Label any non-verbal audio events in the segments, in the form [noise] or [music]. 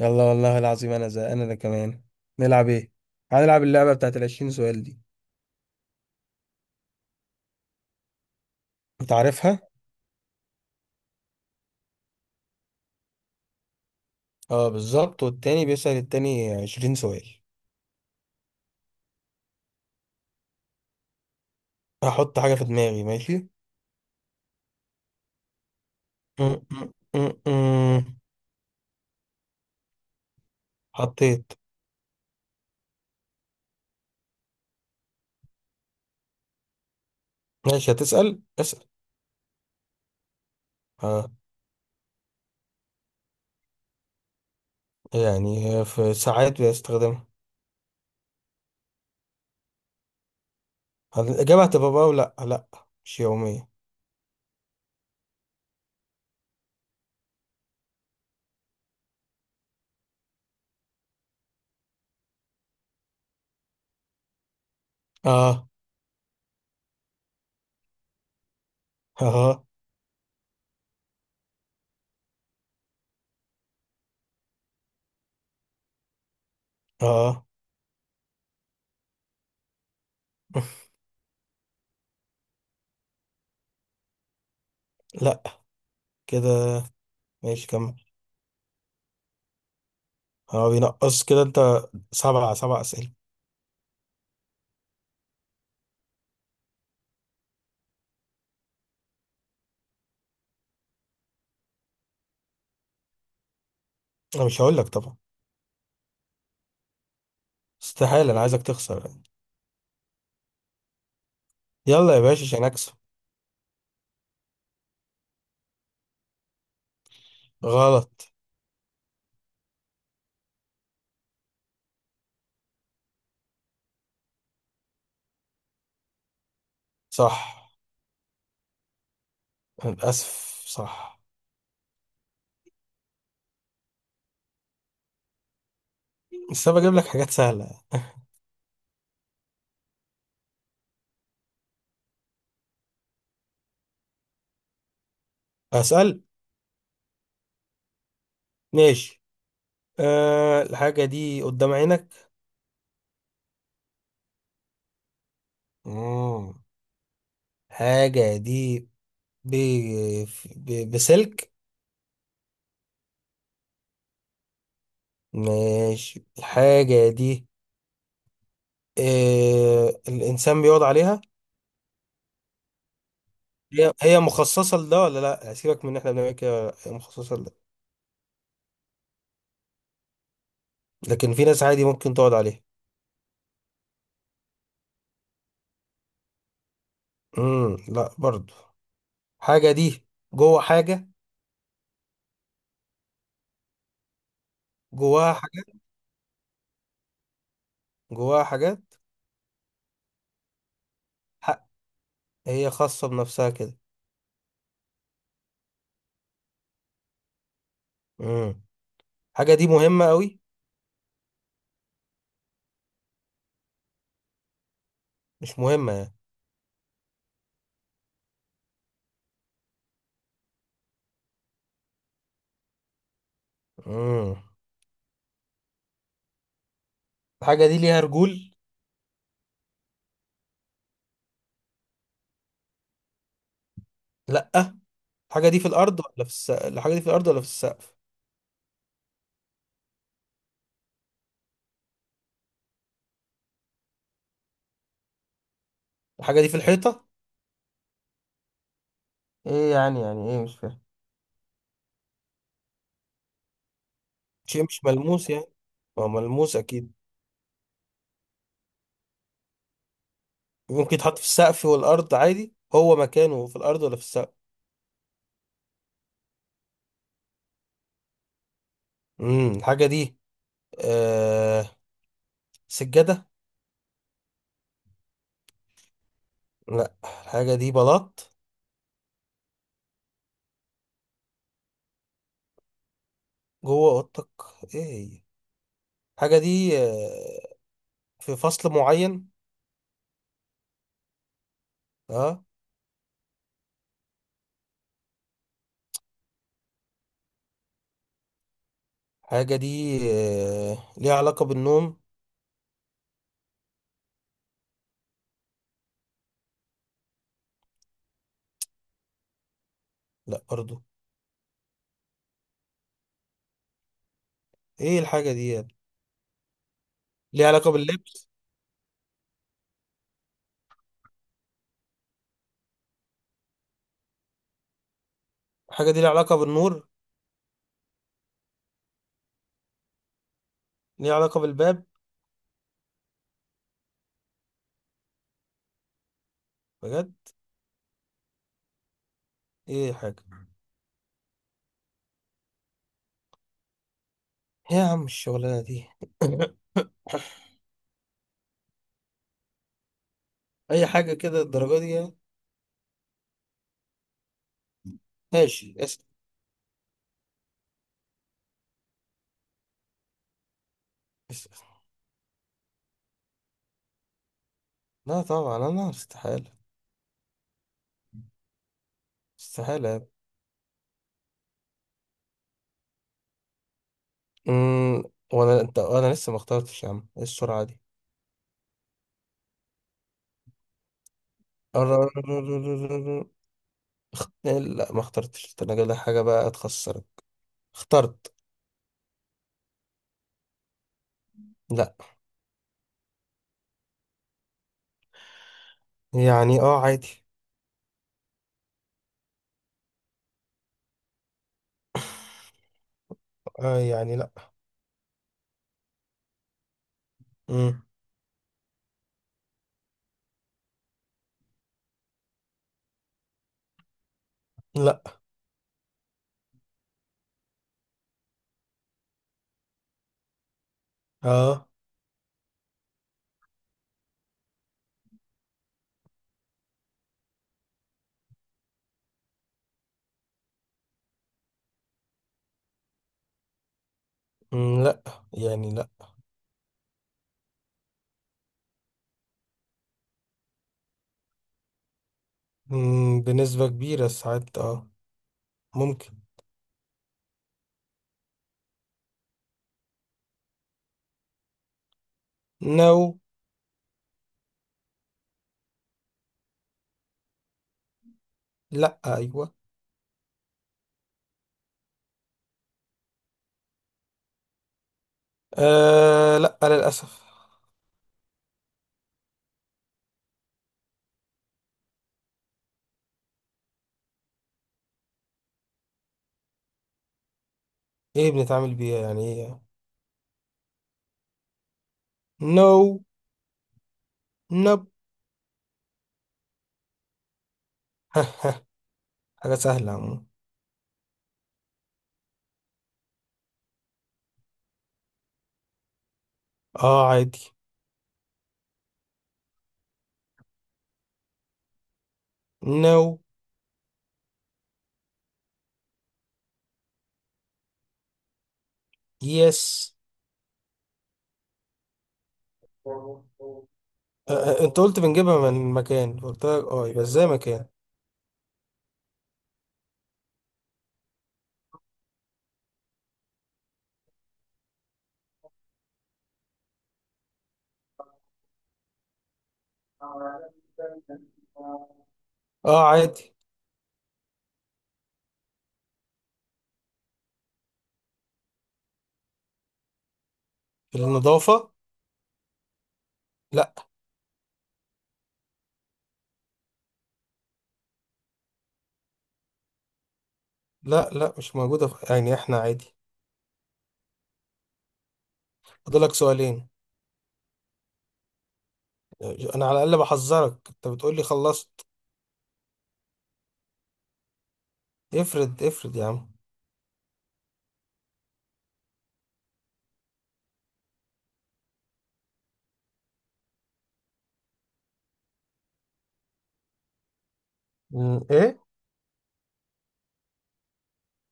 يلا، والله العظيم، انا زهقان انا كمان. نلعب ايه؟ هنلعب اللعبه بتاعت الـ20 سؤال دي. انت عارفها؟ اه، بالظبط، والتاني بيسأل التاني 20 سؤال. هحط حاجه في دماغي، ماشي. م- م- م- م. حطيت. ماشي، هتسأل، اسأل. اه، يعني هي في ساعات بستخدمها. هل الاجابه هتبقى بقى ولا لا؟ مش يوميه. اه، اه، اه. [laughs] لا، كده. ماشي، كمل. اه، بينقص كده انت. سبعة سبعة أسئلة. أنا مش هقول لك طبعا. استحالة، أنا عايزك تخسر يعني. يلا يا باشا، عشان أكسب. غلط. صح. أنا للأسف صح. بس أنا بجيب لك حاجات سهلة. أسأل. ماشي. أه، الحاجة دي قدام عينك. مم. الحاجة دي ب... بسلك. ماشي، الحاجة دي أه، الإنسان بيقعد عليها؟ هي هي مخصصة لده ولا لأ؟ سيبك من إن إحنا بنعمل كده، هي مخصصة لده؟ لكن في ناس عادي ممكن تقعد عليها؟ لا برضو. حاجة دي جوه حاجة؟ جواها اه حاجات؟ جواها حاجات. حق. هي خاصة بنفسها كده؟ امم حاجة دي مهمة قوي؟ مش مهمة يعني؟ امم الحاجة دي ليها رجول؟ لأ. الحاجة دي في الأرض ولا في السقف؟ الحاجة دي في الأرض ولا في السقف؟ الحاجة دي في الحيطة؟ ايه يعني، يعني ايه، مش فاهم. شيء مش ملموس يعني؟ هو ملموس أكيد؟ ممكن يتحط في السقف والأرض عادي، هو مكانه في الأرض ولا في السقف؟ الحاجة دي آه... سجادة؟ لأ، الحاجة دي بلاط؟ جوه اوضتك؟ ايه؟ هي. حاجه دي في فصل معين؟ اه. حاجه دي ليها علاقه بالنوم؟ لا برضو. ايه الحاجه دي يعني؟ ليها علاقه باللبس؟ حاجه دي ليها علاقه بالنور؟ ليها علاقه بالباب؟ بجد؟ ايه حاجه. إيه يا عم الشغلانه دي؟ اي حاجه كده الدرجه دي يعني؟ ماشي، اسال. اسال. لا طبعا، انا استحاله. استحاله يعني. امم وانا انت انا لسه ما اخترتش، يا عم ايه السرعه دي؟ لا ما اخترتش التلاجة، ده انا جايب لك حاجة بقى تخسرك. اخترت. لا. يعني اه، عادي. آه يعني لا. مم. لا. اه. لا يعني لا. بنسبة كبيرة ساعات اه. ممكن. نو. لا، ايوه. آه، لا للأسف. ايه بنتعامل بيها يعني، ايه يعني؟ نو. نب. [laughs] حاجة سهلة عمو. اه، عادي. نو. يس. آه. انت قلت بنجيبها من مكان، قلت لك اه، يبقى ازاي مكان؟ اه، عادي. النظافة؟ لا. لا لا مش موجودة في يعني، احنا عادي. فاضلك سؤالين. انا على الاقل بحذرك، انت بتقول لي خلصت. افرض افرض يا عم. ايه.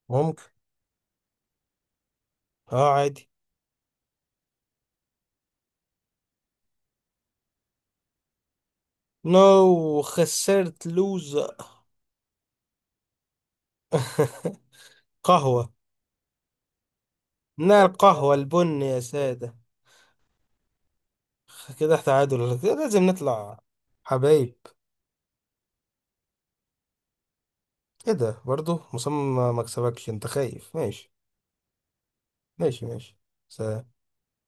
ممكن. اه، عادي. نو خسرت لوز. [laughs] قهوة. نار، القهوة البن يا سادة. كده تعادل، كده لازم نطلع. حبايب. ايه ده برضو؟ مصمم ما مكسبكش، انت خايف؟ ماشي. ماشي، ماشي. سلام.